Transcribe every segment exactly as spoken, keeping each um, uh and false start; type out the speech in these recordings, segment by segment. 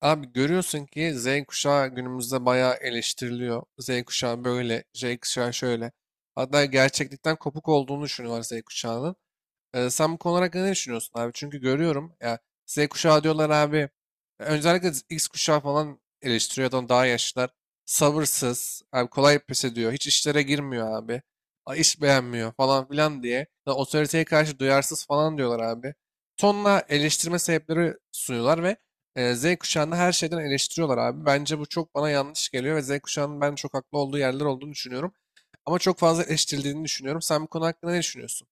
Abi görüyorsun ki Z kuşağı günümüzde bayağı eleştiriliyor. Z kuşağı böyle, Z kuşağı şöyle. Hatta gerçeklikten kopuk olduğunu düşünüyorlar Z kuşağının. Ee, sen bu konu hakkında ne düşünüyorsun abi? Çünkü görüyorum ya Z kuşağı diyorlar abi. Öncelikle X kuşağı falan eleştiriyor adam daha yaşlılar. Sabırsız, abi kolay pes ediyor. Hiç işlere girmiyor abi. a- iş beğenmiyor falan filan diye. Ya otoriteye karşı duyarsız falan diyorlar abi. Tonla eleştirme sebepleri sunuyorlar ve e, Z kuşağını her şeyden eleştiriyorlar abi. Bence bu çok bana yanlış geliyor ve Z kuşağının ben çok haklı olduğu yerler olduğunu düşünüyorum. Ama çok fazla eleştirildiğini düşünüyorum. Sen bu konu hakkında ne düşünüyorsun?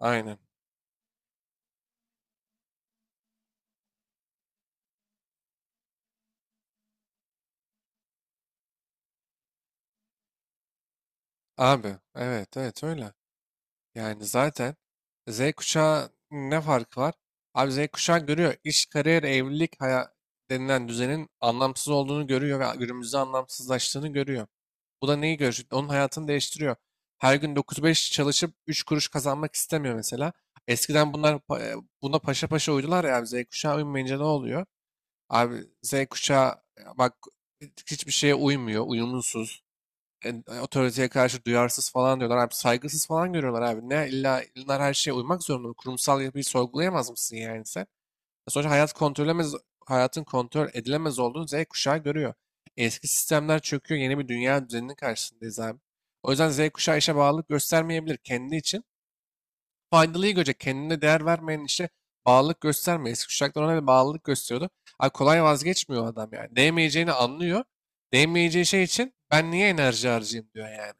Aynen. Abi, evet evet, öyle. Yani zaten Z kuşağı ne farkı var? Abi Z kuşağı görüyor. İş, kariyer, evlilik haya denilen düzenin anlamsız olduğunu görüyor ve günümüzde anlamsızlaştığını görüyor. Bu da neyi görüyor? Onun hayatını değiştiriyor. Her gün dokuz beş çalışıp üç kuruş kazanmak istemiyor mesela. Eskiden bunlar pa- e, buna paşa paşa uydular ya abi, Z kuşağı uymayınca ne oluyor? Abi Z kuşağı e, bak, hiçbir şeye uymuyor, uyumsuz. E, otoriteye karşı duyarsız falan diyorlar abi. Saygısız falan görüyorlar abi. Ne, illa illa her şeye uymak zorunda mı? Kurumsal yapıyı sorgulayamaz mısın yani sen? Sonuçta hayat kontrolemez, hayatın kontrol edilemez olduğunu Z kuşağı görüyor. Eski sistemler çöküyor. Yeni bir dünya düzeninin karşısındayız abi. O yüzden Z kuşağı işe bağlılık göstermeyebilir, kendi için faydalıyı görecek. Kendine değer vermeyen işe bağlılık gösterme. Eski kuşaklar ona bir bağlılık gösteriyordu. Abi kolay vazgeçmiyor adam yani. Değmeyeceğini anlıyor. Değmeyeceği şey için ben niye enerji harcayayım diyor yani.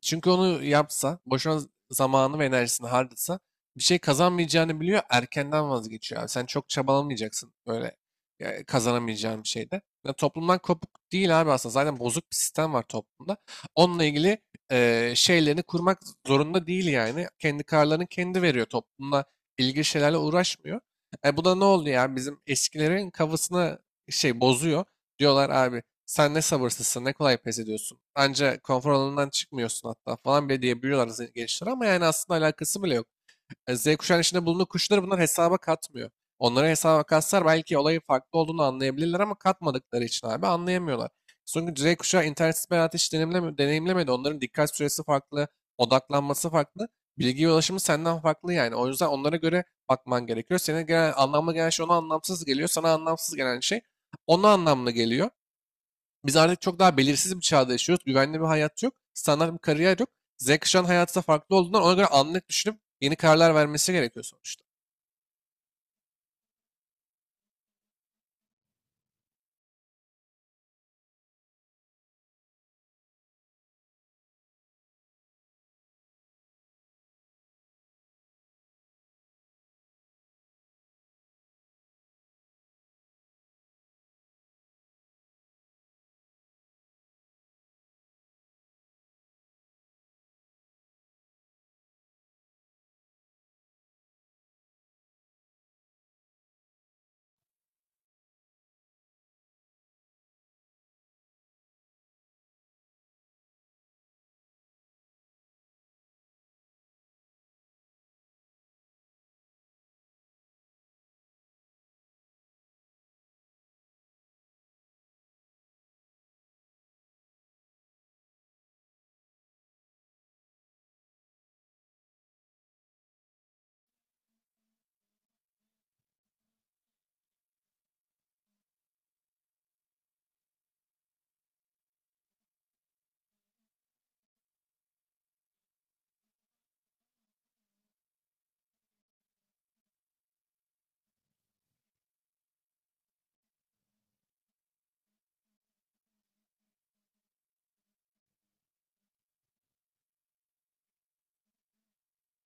Çünkü onu yapsa, boşuna z- zamanı ve enerjisini harcasa bir şey kazanmayacağını biliyor, erkenden vazgeçiyor abi. Sen çok çabalamayacaksın böyle e, kazanamayacağın bir şeyde. Ya toplumdan kopuk değil abi, aslında zaten bozuk bir sistem var toplumda. Onunla ilgili eee, şeylerini kurmak zorunda değil yani. Kendi kararlarını kendi veriyor. Toplumla ilgili şeylerle uğraşmıyor. E, bu da ne oldu yani, bizim eskilerin kafasına şey bozuyor. Diyorlar abi, sen ne sabırsızsın, ne kolay pes ediyorsun. Anca konfor alanından çıkmıyorsun hatta falan bile diyebiliyorlar zen- gençler, ama yani aslında alakası bile yok e, Z kuşağının içinde bulunduğu kuşları bunlar hesaba katmıyor. Onlara hesaba katsalar belki olayın farklı olduğunu anlayabilirler ama katmadıkları için abi anlayamıyorlar. Çünkü Z kuşağı internetsiz bir hayatı hiç deneyimleme- deneyimlemedi. Onların dikkat süresi farklı, odaklanması farklı, bilgiye ulaşımı senden farklı yani. O yüzden onlara göre bakman gerekiyor. Senin genel, anlamlı gelen şey ona anlamsız geliyor. Sana anlamsız gelen şey ona anlamlı geliyor. Biz artık çok daha belirsiz bir çağda yaşıyoruz. Güvenli bir hayat yok. Standart bir kariyer yok. Z kuşağının hayatı da farklı olduğundan ona göre anlık düşünüp yeni kararlar vermesi gerekiyor sonuçta.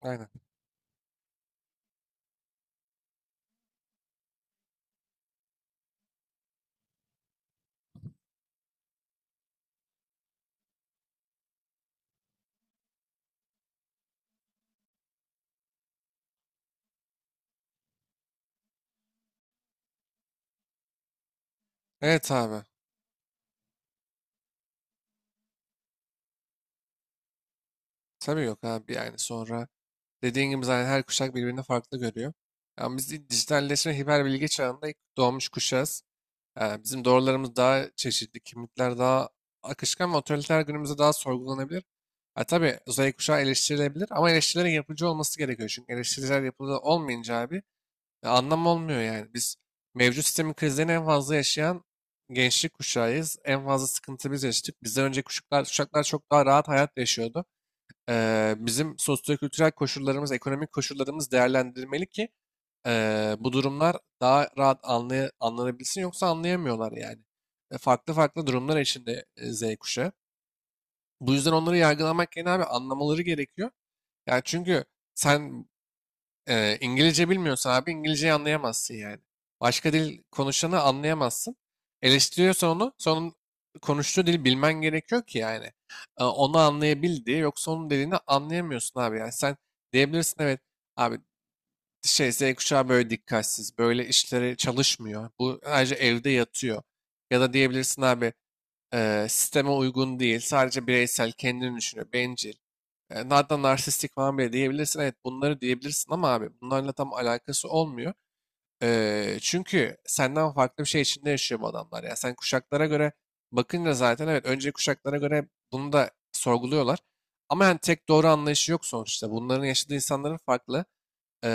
Aynen. Evet abi. Tabii yok abi, yani sonra dediğin gibi zaten her kuşak birbirini farklı görüyor. Yani biz dijitalleşme, hiper bilgi çağında ilk doğmuş kuşağız. Yani bizim doğrularımız daha çeşitli, kimlikler daha akışkan ve otoriter günümüzde daha sorgulanabilir. Ha, tabii Z kuşağı eleştirilebilir ama eleştirilerin yapıcı olması gerekiyor. Çünkü eleştiriler yapılı olmayınca abi E, anlam olmuyor yani. Biz mevcut sistemin krizlerini en fazla yaşayan gençlik kuşağıyız. En fazla sıkıntı biz yaşadık. Bizden önceki kuşaklar, kuşaklar çok daha rahat hayat yaşıyordu. E, bizim sosyo-kültürel koşullarımız, ekonomik koşullarımız değerlendirmeli ki e, bu durumlar daha rahat anlay anlanabilsin, yoksa anlayamıyorlar yani. E, farklı farklı durumlar içinde e, Z kuşağı. Bu yüzden onları yargılamak yerine abi anlamaları gerekiyor. Yani çünkü sen ee, İngilizce bilmiyorsan abi İngilizceyi anlayamazsın yani. Başka dil konuşanı anlayamazsın. Eleştiriyorsan onu, sonun konuştuğu dili bilmen gerekiyor ki yani. Ee, onu anlayabil diye. Yoksa onun dediğini anlayamıyorsun abi. Yani sen diyebilirsin, evet abi, şey, Z kuşağı böyle dikkatsiz, böyle işleri çalışmıyor. Bu ayrıca evde yatıyor. Ya da diyebilirsin abi, e, sisteme uygun değil, sadece bireysel, kendini düşünüyor, bencil. E, hatta narsistik falan bile diyebilirsin. Evet, bunları diyebilirsin ama abi bunlarla tam alakası olmuyor. E, çünkü senden farklı bir şey içinde yaşıyor bu adamlar. Ya sen kuşaklara göre bakınca zaten evet, önceki kuşaklara göre bunu da sorguluyorlar. Ama yani tek doğru anlayışı yok sonuçta. Bunların yaşadığı insanların farklı. Eee,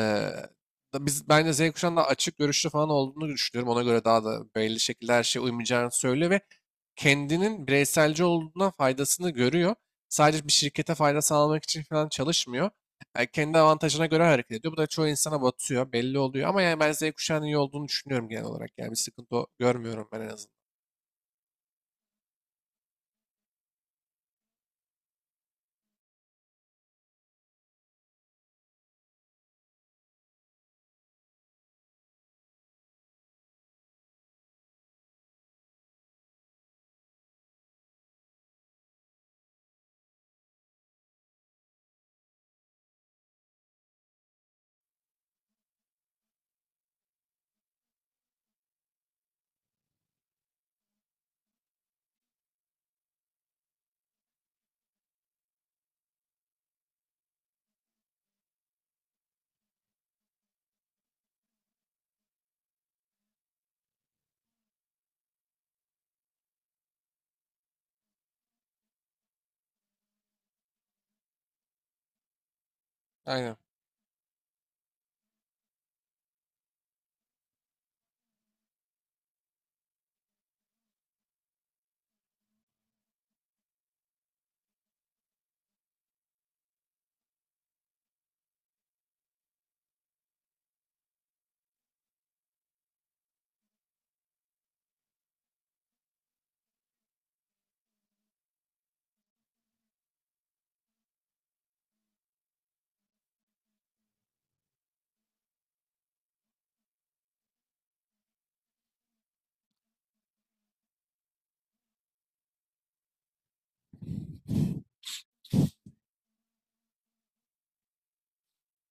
Da biz, bence Z kuşağının daha açık görüşlü falan olduğunu düşünüyorum. Ona göre daha da belli şekilde her şeye uymayacağını söylüyor ve kendinin bireyselci olduğundan faydasını görüyor. Sadece bir şirkete fayda sağlamak için falan çalışmıyor. Yani kendi avantajına göre hareket ediyor. Bu da çoğu insana batıyor, belli oluyor. Ama yani ben Z kuşağının iyi olduğunu düşünüyorum genel olarak. Yani bir sıkıntı o- görmüyorum ben en azından. Aynen.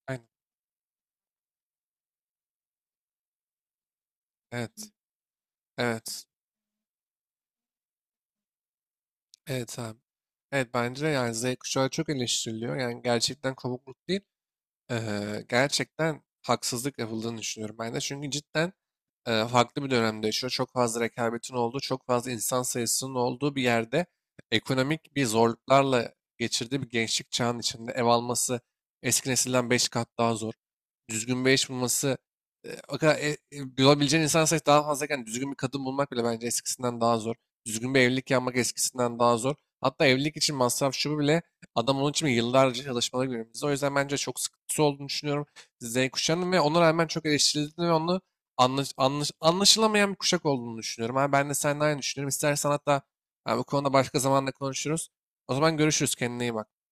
Aynen. Evet. Evet. Evet abi. Evet, bence de yani Z kuşağı çok eleştiriliyor. Yani gerçekten kopukluk değil. Eee, gerçekten haksızlık yapıldığını düşünüyorum ben de. Çünkü cidden eee, farklı bir dönemde yaşıyor. Çok fazla rekabetin olduğu, çok fazla insan sayısının olduğu bir yerde ekonomik bir zorluklarla geçirdiği bir gençlik çağının içinde ev alması eski nesilden beş kat daha zor. Düzgün bir eş bulması eee, o kadar e, e, bulabileceğin insan sayısı daha fazlayken düzgün bir kadın bulmak bile bence eskisinden daha zor. Düzgün bir evlilik yapmak eskisinden daha zor. Hatta evlilik için masraf şu bu bile Adam onun için yıllarca çalışmaları günümüzde. O yüzden bence çok sıkıntısı olduğunu düşünüyorum Z kuşağının ve ona rağmen çok eleştirildiğini ve onu anlaş, anlaş- anlaşılamayan bir kuşak olduğunu düşünüyorum. Abi ben de seninle aynı düşünüyorum. İstersen hatta ha, bu konuda başka zamanda konuşuruz. O zaman görüşürüz. Kendine iyi bak.